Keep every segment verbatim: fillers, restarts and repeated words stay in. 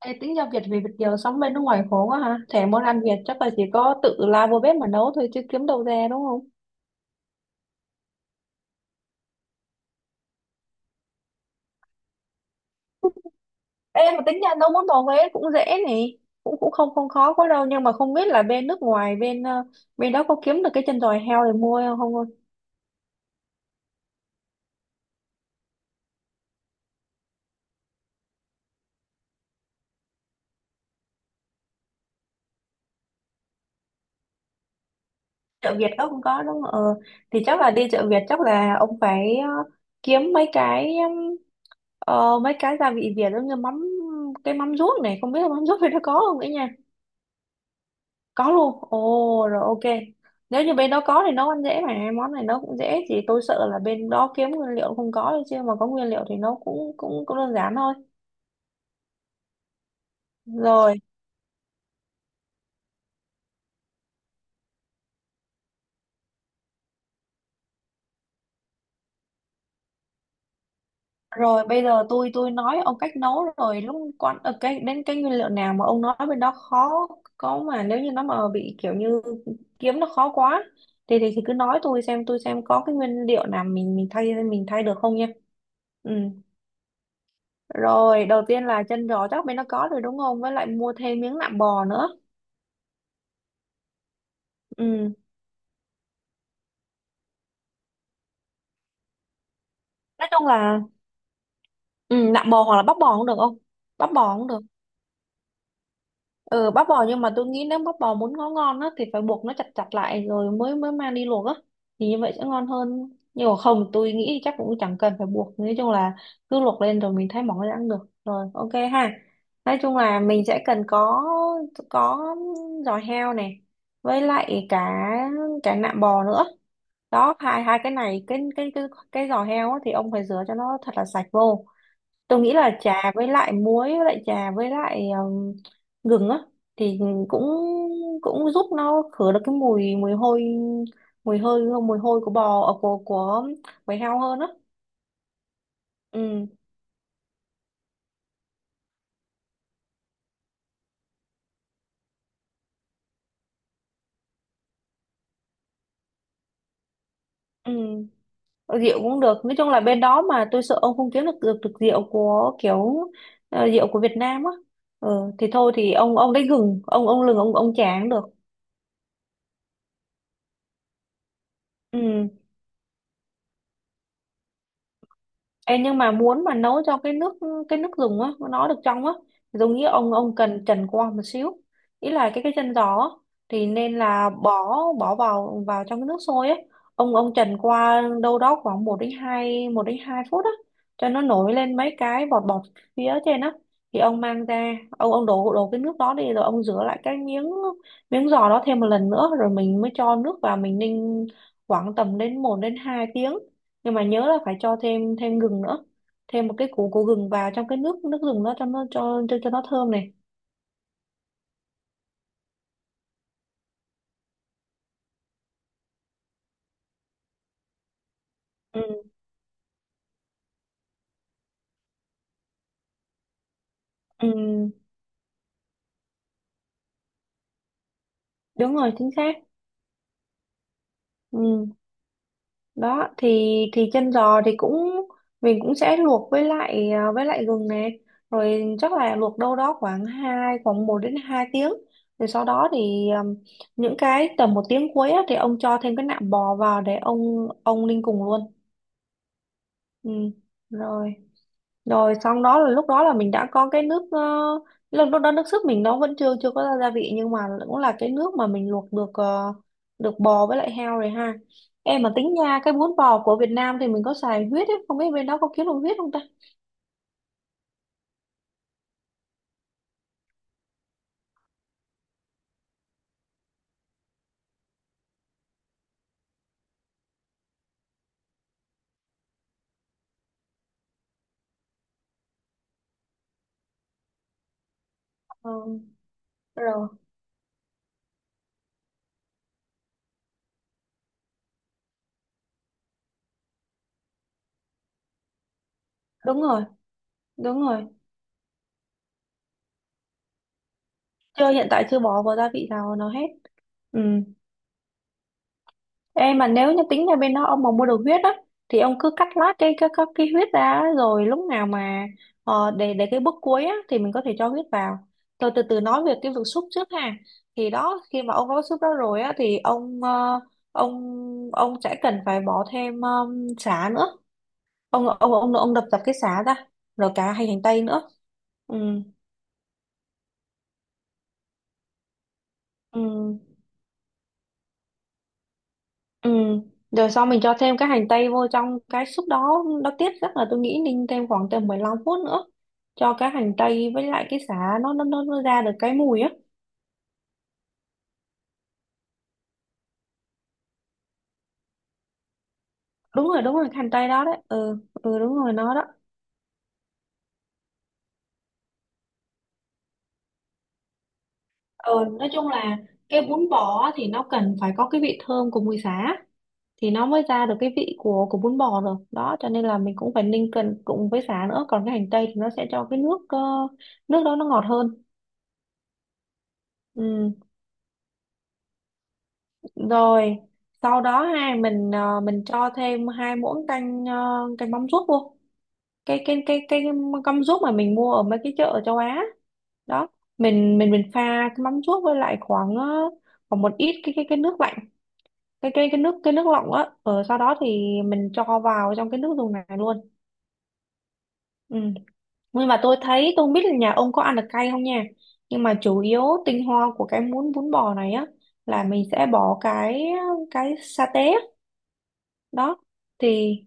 Ê, tính giao Việt vì Việt kiều sống bên nước ngoài khổ quá ha. Thèm món ăn Việt chắc là chỉ có tự lao vô bếp mà nấu thôi chứ kiếm đâu ra đúng không? Ê, mà tính ra nấu món bò Huế cũng dễ nè. Cũng cũng không không khó quá đâu, nhưng mà không biết là bên nước ngoài bên ờ, bên đó có kiếm được cái chân giò heo để mua không không? Ơi? Chợ Việt đó không có đúng không? Ờ, thì chắc là đi chợ Việt chắc là ông phải ờ, kiếm mấy cái ừm, ờ, mấy cái gia vị Việt giống như mắm, cái mắm ruốc này không biết là mắm ruốc bên đó có không ấy. Có luôn, ồ rồi, ok. Nếu như bên đó có thì nấu ăn dễ mà, món này nấu cũng dễ, chỉ tôi sợ là bên đó kiếm nguyên liệu không có thôi chứ mà có nguyên liệu thì nấu cũng cũng cũng đơn giản thôi. Rồi, rồi bây giờ tôi tôi nói ông cách nấu, rồi lúc quan ờ, cái đến cái nguyên liệu nào mà ông nói bên đó khó có, mà nếu như nó mà bị kiểu như kiếm nó khó quá thì thì, thì cứ nói, tôi xem tôi xem có cái nguyên liệu nào mình mình thay mình thay được không nha. Ừ. Rồi, đầu tiên là chân giò chắc bên nó có rồi đúng không? Với lại mua thêm miếng nạm bò nữa. Ừ. Nói chung là, ừ, nạm bò hoặc là bắp bò cũng được không? Bắp bò cũng được. Ừ, bắp bò nhưng mà tôi nghĩ nếu bắp bò muốn ngon ngon á thì phải buộc nó chặt chặt lại rồi mới mới mang đi luộc á. Thì như vậy sẽ ngon hơn. Nhưng mà không, tôi nghĩ chắc cũng chẳng cần phải buộc. Nói chung là cứ luộc lên rồi mình thái mỏng ra ăn được. Rồi, ok ha. Nói chung là mình sẽ cần có có giò heo này với lại cả cả nạm bò nữa. Đó, hai hai cái này, cái cái cái cái giò heo á, thì ông phải rửa cho nó thật là sạch vô. Tôi nghĩ là trà với lại muối với lại trà với lại um, gừng á thì cũng cũng giúp nó khử được cái mùi mùi hôi mùi hơi mùi hôi của bò, ờ, của của bầy heo hơn á. Ừ, ừ. Rượu cũng được, nói chung là bên đó mà tôi sợ ông không kiếm được, được, được rượu của kiểu ờ, rượu của Việt Nam á. Ừ, thì thôi thì ông ông lấy gừng, ông ông lừng, ông ông trà được. Ừ. Ê, nhưng mà muốn mà nấu cho cái nước cái nước dùng á nó được trong á, giống như ông ông cần trần qua một xíu, ý là cái cái chân giò á, thì nên là bỏ bỏ vào vào trong cái nước sôi á. Ông ông trần qua đâu đó khoảng một đến hai một đến hai phút á, cho nó nổi lên mấy cái bọt bọt phía trên á, thì ông mang ra, ông ông đổ đổ cái nước đó đi, rồi ông rửa lại cái miếng miếng giò đó thêm một lần nữa, rồi mình mới cho nước vào mình ninh khoảng tầm đến một đến hai tiếng. Nhưng mà nhớ là phải cho thêm thêm gừng nữa, thêm một cái củ củ gừng vào trong cái nước nước gừng đó cho nó, cho cho, cho nó thơm này. Ừ, ừ, đúng rồi, chính xác. Ừ. Đó thì thì chân giò thì cũng, mình cũng sẽ luộc với lại, à, với lại gừng này, rồi chắc là luộc đâu đó khoảng hai khoảng một đến hai tiếng, rồi sau đó thì, um, những cái tầm một tiếng cuối á, thì ông cho thêm cái nạm bò vào để ông ông ninh cùng luôn. Ừ. Rồi, rồi xong đó là lúc đó là mình đã có cái nước ờ, lúc lúc đó nước súp mình nó vẫn chưa chưa có gia vị, nhưng mà cũng là cái nước mà mình luộc được ờ, được bò với lại heo rồi ha. Em mà tính nha, cái bún bò của Việt Nam thì mình có xài huyết ấy, không biết bên đó có kiếm được huyết không ta. Ờ, rồi, đúng rồi, đúng rồi. Chưa, hiện tại chưa bỏ vào gia vị nào nó hết. Ừ. Ê mà nếu như tính ra bên đó ông mà mua được huyết á, thì ông cứ cắt lát cái cái cái, cái huyết ra á, rồi lúc nào mà, ờ, để để cái bước cuối á thì mình có thể cho huyết vào. Tôi từ từ nói về cái việc xúc trước ha. Thì đó, khi mà ông có xúc đó rồi á thì ông ờ, ông ông sẽ cần phải bỏ thêm, um, sả nữa. Ông ông ông ông đập dập cái sả ra, rồi cả hành hành tây nữa. Ừ, ừ. Ừ. Rồi sau mình cho thêm cái hành tây vô trong cái súp đó nó tiết, chắc là tôi nghĩ ninh thêm khoảng tầm mười lăm phút nữa cho cái hành tây với lại cái sả nó, nó nó, nó ra được cái mùi á. Đúng rồi, đúng rồi, cái hành tây đó đấy, ừ ừ, đúng rồi, nó đó. Ừ, nói chung là cái bún bò á thì nó cần phải có cái vị thơm của mùi sả thì nó mới ra được cái vị của của bún bò, rồi đó cho nên là mình cũng phải ninh cần cùng với sả nữa, còn cái hành tây thì nó sẽ cho cái nước ờ, nước đó nó ngọt hơn. Ừ. Rồi sau đó ha, mình ờ, mình cho thêm hai muỗng canh ờ, canh mắm ruốc vô, cái cái cái cái mắm ruốc mà mình mua ở mấy cái chợ ở châu Á đó, mình mình mình pha cái mắm ruốc với lại khoảng ờ, khoảng một ít cái cái cái nước lạnh, cái cái cái nước cái nước lọc á, ở sau đó thì mình cho vào trong cái nước dùng này luôn. Ừ. Nhưng mà tôi thấy, tôi không biết là nhà ông có ăn được cay không nha, nhưng mà chủ yếu tinh hoa của cái muỗng bún bò này á là mình sẽ bỏ cái cái sa tế. Đó thì,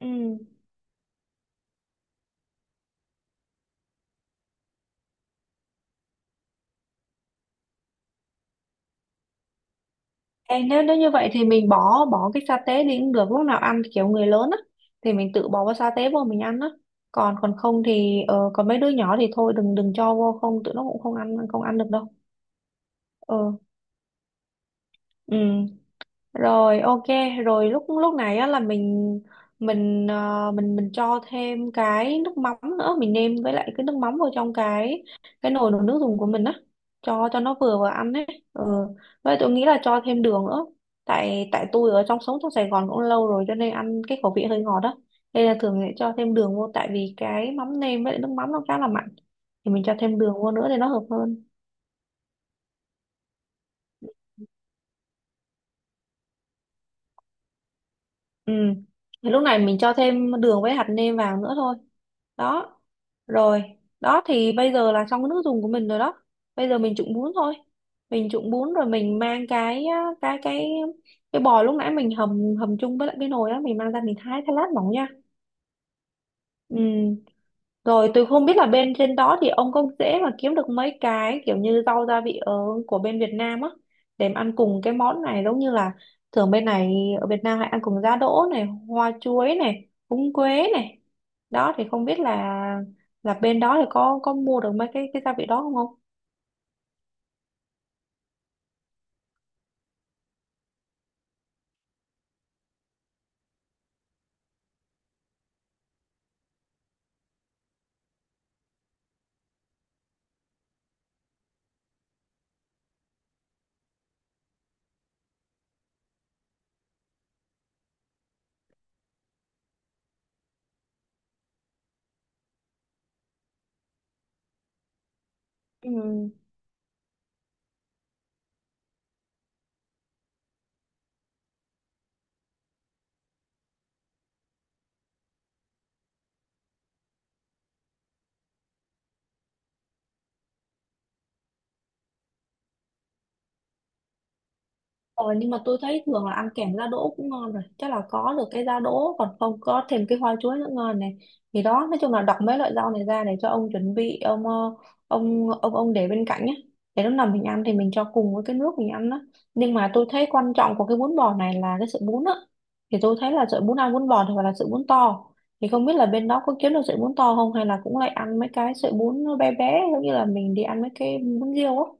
ừ. Ê, nếu nếu như vậy thì mình bỏ bỏ cái sa tế đi cũng được, lúc nào ăn thì kiểu người lớn á thì mình tự bỏ vào sa tế vô mình ăn á, còn còn không thì, ờ, còn mấy đứa nhỏ thì thôi đừng đừng cho vô, không tụi nó cũng không ăn không ăn được đâu. Ờ, ừ, rồi, ok. Rồi lúc lúc này á là mình, mình ờ, mình mình cho thêm cái nước mắm nữa, mình nêm với lại cái nước mắm vào trong cái cái nồi nồi nước dùng của mình á, cho cho nó vừa vào ăn ấy. Ừ. Vậy tôi nghĩ là cho thêm đường nữa, tại tại tôi ở trong sống trong Sài Gòn cũng lâu rồi cho nên ăn cái khẩu vị hơi ngọt đó, nên là thường sẽ cho thêm đường vô tại vì cái mắm nêm với lại nước mắm nó khá là mặn, thì mình cho thêm đường vô nữa để nó hợp hơn. Ừ. Thì lúc này mình cho thêm đường với hạt nêm vào nữa thôi. Đó. Rồi, đó thì bây giờ là xong cái nước dùng của mình rồi đó, bây giờ mình trụng bún thôi, mình trụng bún rồi mình mang cái cái cái cái bò lúc nãy mình hầm hầm chung với lại cái nồi á, mình mang ra mình thái thái lát mỏng nha. Ừ. Rồi tôi không biết là bên trên đó thì ông có dễ mà kiếm được mấy cái kiểu như rau gia vị ở của bên Việt Nam á để mà ăn cùng cái món này, giống như là thường bên này ở Việt Nam hay ăn cùng giá đỗ này, hoa chuối này, húng quế này. Đó thì không biết là là bên đó thì có có mua được mấy cái cái gia vị đó không không? Ừ. Ờ, nhưng mà tôi thấy thường là ăn kèm giá đỗ cũng ngon rồi, chắc là có được cái giá đỗ, còn không có thêm cái hoa chuối nữa ngon này. Thì đó, nói chung là đọc mấy loại rau này ra để cho ông chuẩn bị, ông ờ, ông ông ông để bên cạnh nhé, để lúc nào mình ăn thì mình cho cùng với cái nước mình ăn đó. Nhưng mà tôi thấy quan trọng của cái bún bò này là cái sợi bún á, thì tôi thấy là sợi bún ăn bún bò thì phải là sợi bún to, thì không biết là bên đó có kiếm được sợi bún to không, hay là cũng lại ăn mấy cái sợi bún nó bé bé giống như là mình đi ăn mấy cái bún riêu á.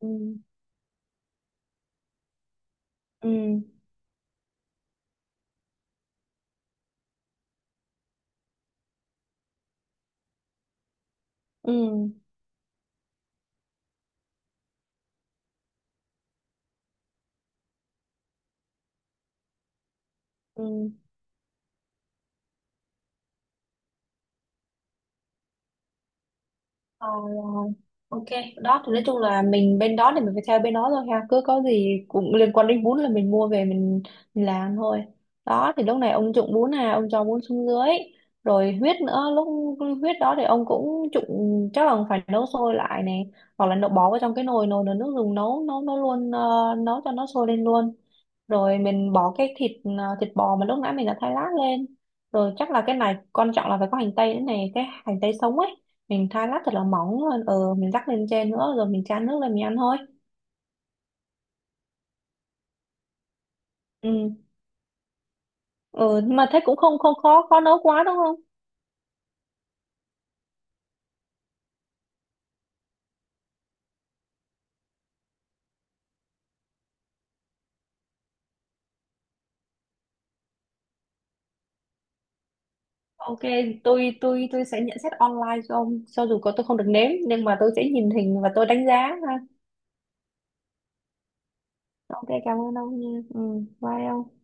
Ừ, ừ, ừ, ừ. Ờ, ok. Đó thì nói chung là mình bên đó thì mình phải theo bên đó thôi ha, cứ có gì cũng liên quan đến bún là mình mua về mình, mình làm thôi. Đó thì lúc này ông trụng bún, à, ông cho bún xuống dưới, rồi huyết nữa, lúc huyết đó thì ông cũng trụng, chắc là phải nấu sôi lại này, hoặc là nấu bỏ vào trong cái nồi nồi nồi nước dùng nấu nấu nấu luôn, ờ, nấu cho nó sôi lên luôn, rồi mình bỏ cái thịt ờ, thịt bò mà lúc nãy mình đã thái lát lên, rồi chắc là cái này quan trọng là phải có hành tây nữa này, cái hành tây sống ấy, mình thái lát thật là mỏng lên, ừ, mình rắc lên trên nữa, rồi mình chan nước lên mình ăn thôi. Ừ. Ừ, mà thế cũng không không khó khó nấu quá đúng không? Ok, tôi tôi tôi sẽ nhận xét online cho ông, cho dù có tôi không được nếm nhưng mà tôi sẽ nhìn hình và tôi đánh giá ha. Ok, cảm ơn ông nha. Ừ. Bye ông.